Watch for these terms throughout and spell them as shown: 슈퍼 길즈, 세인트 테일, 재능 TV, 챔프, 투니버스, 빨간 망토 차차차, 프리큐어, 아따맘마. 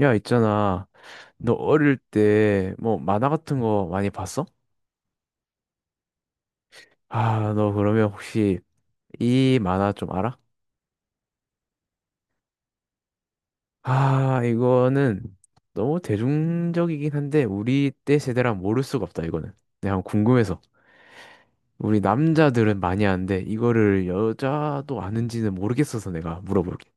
야, 있잖아. 너 어릴 때 뭐 만화 같은 거 많이 봤어? 아, 너 그러면 혹시 이 만화 좀 알아? 아, 이거는 너무 대중적이긴 한데 우리 때 세대랑 모를 수가 없다, 이거는. 내가 한번 궁금해서. 우리 남자들은 많이 아는데 이거를 여자도 아는지는 모르겠어서 내가 물어볼게.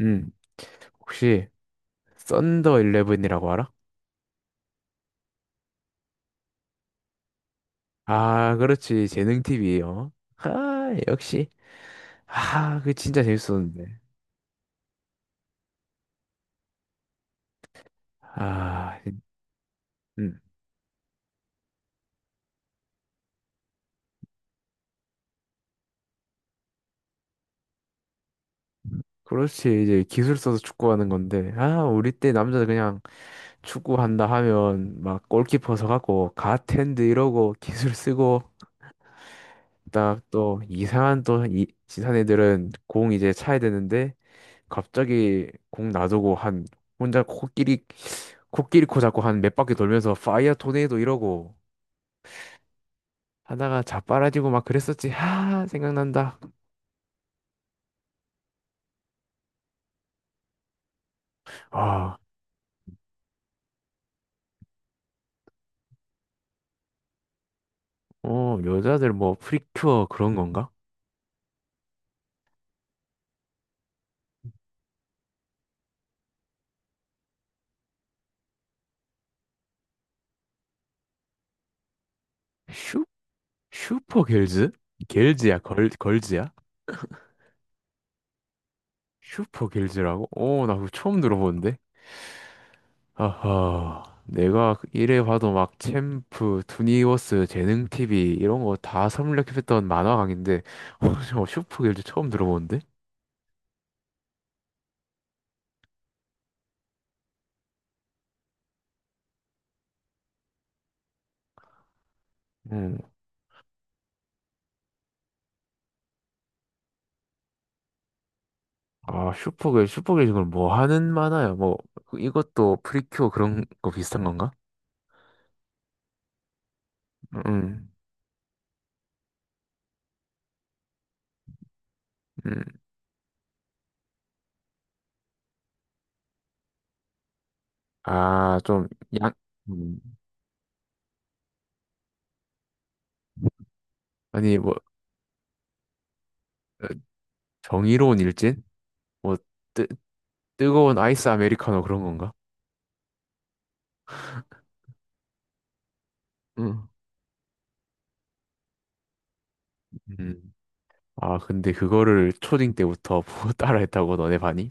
음, 혹시 썬더 일레븐이라고 알아? 아, 그렇지. 재능 TV예요. 아, 역시. 아, 그 진짜 재밌었는데. 아, 이- 음, 그렇지. 이제 기술 써서 축구하는 건데. 아, 우리 때 남자들 그냥 축구한다 하면 막 골키퍼 서갖고 갓핸드 이러고 기술 쓰고 딱 또 이상한 또 이, 지산 애들은 공 이제 차야 되는데 갑자기 공 놔두고 한 혼자 코끼리 코 잡고 한 몇 바퀴 돌면서 파이어 토네이도 이러고 하다가 자빠라지고 막 그랬었지. 아, 생각난다. 아, 어, 여자들 뭐 프리큐어 그런 건가? 슈퍼 길즈? 길즈야, 걸즈야? 슈퍼 길즈라고? 오, 나 그거 처음 들어보는데? 아하, 내가 이래 봐도 막 챔프, 투니버스, 재능 티비 이런 거 다 섭렵했던 만화 강인데, 어, 저 슈퍼 길즈 처음 들어보는데? 음, 아, 슈퍼 길즈 그럼 뭐 하는 만화야? 뭐, 이것도 프리큐어 그런 거 비슷한 건가? 음, 음, 아, 좀, 양, 음. 아니, 뭐, 어, 정의로운 일진? 뭐, 뜨, 뜨거운 아이스 아메리카노 그런 건가? 응. 음. 아, 근데 그거를 초딩 때부터 보고 따라했다고 너네 반이?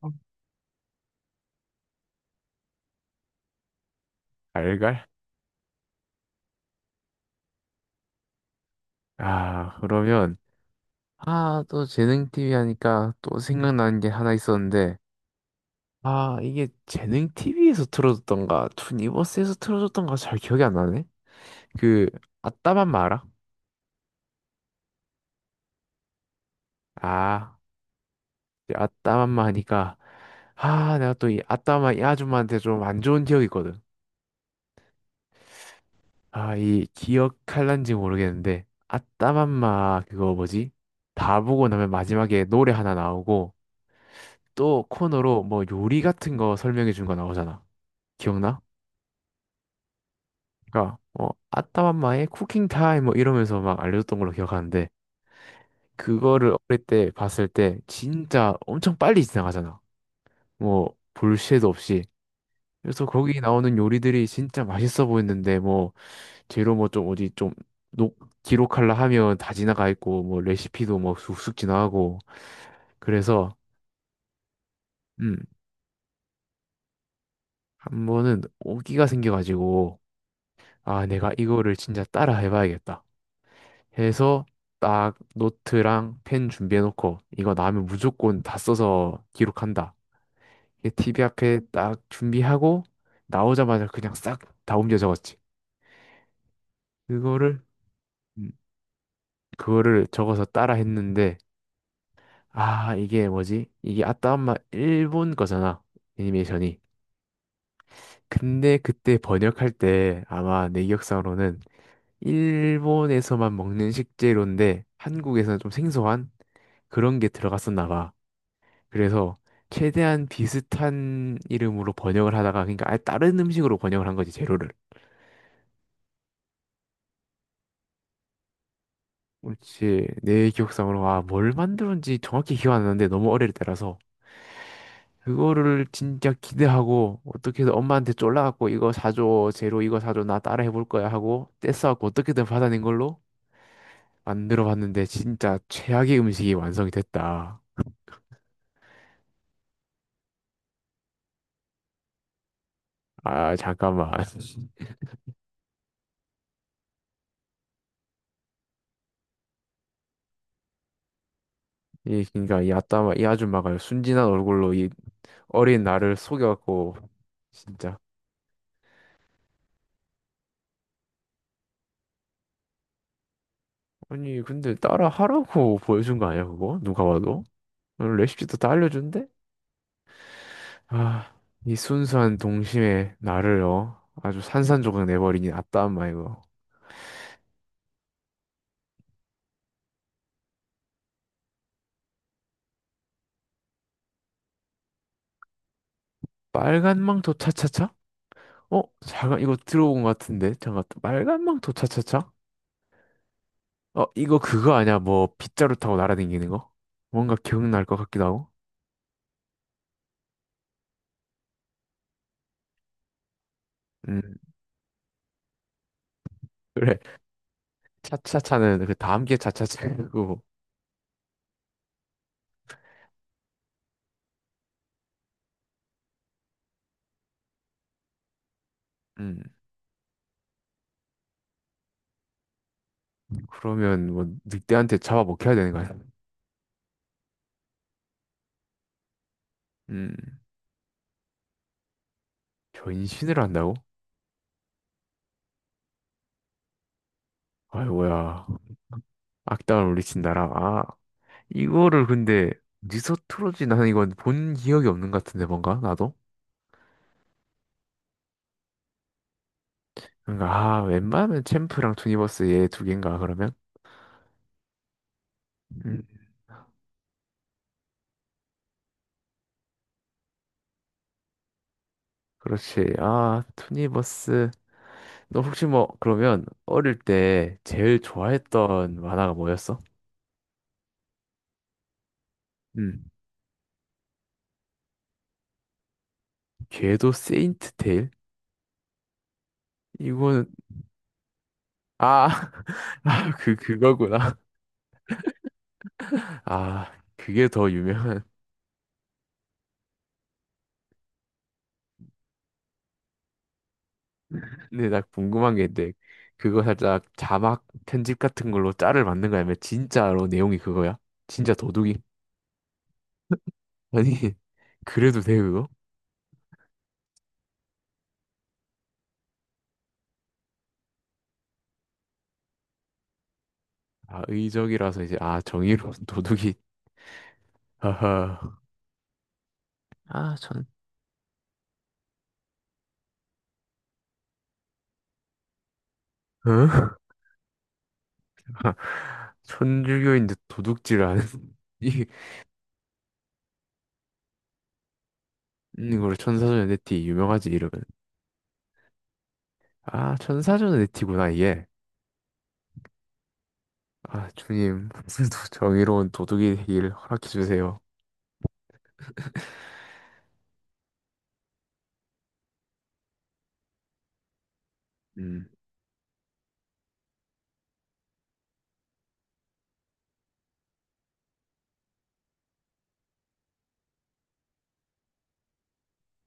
어, 알갈? 아, 그러면 아, 또 재능 TV 하니까 또 생각나는 게 하나 있었는데 아, 이게 재능 TV에서 틀어줬던가 투니버스에서 틀어줬던가 잘 기억이 안 나네. 그 아따맘마 알아? 아, 이제 아따맘마 하니까 아, 내가 또 이 아따맘마 이 아줌마한테 좀 안 좋은 기억이 있거든. 아, 이 기억할란지 모르겠는데 아따맘마 그거 뭐지? 다 보고 나면 마지막에 노래 하나 나오고 또 코너로 뭐 요리 같은 거 설명해 준 거 나오잖아. 기억나? 그러니까 뭐 아따맘마의 쿠킹 타임 뭐 이러면서 막 알려줬던 걸로 기억하는데 그거를 어릴 때 봤을 때 진짜 엄청 빨리 지나가잖아. 뭐 볼 새도 없이. 그래서 거기 나오는 요리들이 진짜 맛있어 보였는데 뭐 재료 뭐 좀 어디 좀 녹, 기록할라 하면 다 지나가 있고 뭐 레시피도 뭐 쑥쑥 지나가고 그래서 음, 한 번은 오기가 생겨가지고 아 내가 이거를 진짜 따라 해봐야겠다 해서 딱 노트랑 펜 준비해놓고 이거 나오면 무조건 다 써서 기록한다 이게 TV 앞에 딱 준비하고 나오자마자 그냥 싹 다 옮겨 적었지. 그거를 음, 그거를 적어서 따라 했는데 아, 이게 뭐지? 이게 아따 엄마 일본 거잖아. 애니메이션이. 근데 그때 번역할 때 아마 내 기억상으로는 일본에서만 먹는 식재료인데 한국에서는 좀 생소한 그런 게 들어갔었나 봐. 그래서 최대한 비슷한 이름으로 번역을 하다가 그러니까 아예 다른 음식으로 번역을 한 거지, 재료를. 그렇지. 내 기억상으로 아, 뭘 만들었는지 정확히 기억 안 나는데 너무 어릴 때라서 그거를 진짜 기대하고 어떻게 든 엄마한테 쫄라갖고 이거 사줘 제로 이거 사줘 나 따라 해볼 거야 하고 떼써갖고 어떻게든 받아낸 걸로 만들어 봤는데 진짜 최악의 음식이 완성이 됐다. 아 잠깐만. 이 그러니까 이 아따마 이 아줌마가 순진한 얼굴로 이 어린 나를 속여갖고 진짜 아니 근데 따라 하라고 보여준 거 아니야 그거 누가 봐도 어, 레시피도 다 알려준데. 아, 이 순수한 동심에 나를요. 아주 산산조각 내버리니 아따 엄마 이거. 빨간 망토 차차차? 어? 잠깐 이거 들어본 것 같은데. 잠깐 빨간 망토 차차차? 어, 이거 그거 아니야? 뭐 빗자루 타고 날아다니는 거? 뭔가 기억날 것 같기도 하고. 음, 그래. 차차차는 그 다음 게 차차차고. 음, 그러면 뭐 늑대한테 잡아먹혀야 되는 거야. 음, 변신을 한다고? 아이 뭐야. 악당을 물리친 나라. 이거를 근데 니서트로지 나는 이건 본 기억이 없는 것 같은데 뭔가 나도 그러니까 아 웬만하면 챔프랑 투니버스 얘 두 개인가 그러면 음 그렇지 아 투니버스. 너 혹시 뭐 그러면 어릴 때 제일 좋아했던 만화가 뭐였어? 음 궤도 세인트 테일 이거는 아 아 그 그거구나. 아 그게 더 유명한 근데 나 궁금한 게 있는데 그거 살짝 자막 편집 같은 걸로 짤을 만든 거야? 아니면 진짜로 내용이 그거야? 진짜 도둑이? 아니. 그래도 돼 그거? 아 의적이라서 이제 아 정의로운 도둑이 하하 아전 어? 천주교인데 도둑질 하는 이 이걸 천사전의 네티 유명하지 이러면 아 천사전의 네티구나 이게. 아 주님, 오늘도 정의로운 도둑이 되길 허락해 주세요. 음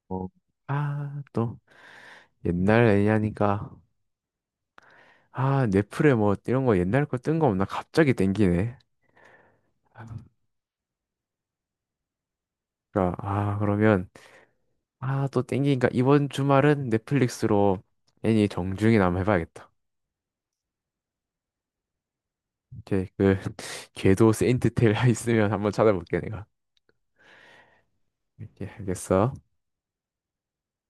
어아또 옛날 애니 하니까 아 넷플에 뭐 이런 거 옛날 거 뜬 거 없나 갑자기 땡기네. 그러니까 아 그러면 아 또 땡기니까 이번 주말은 넷플릭스로 애니 정중이나 한번 해봐야겠다. 오케이 그 궤도 세인트 테일 있으면 한번 찾아볼게 내가. 오케이 알겠어.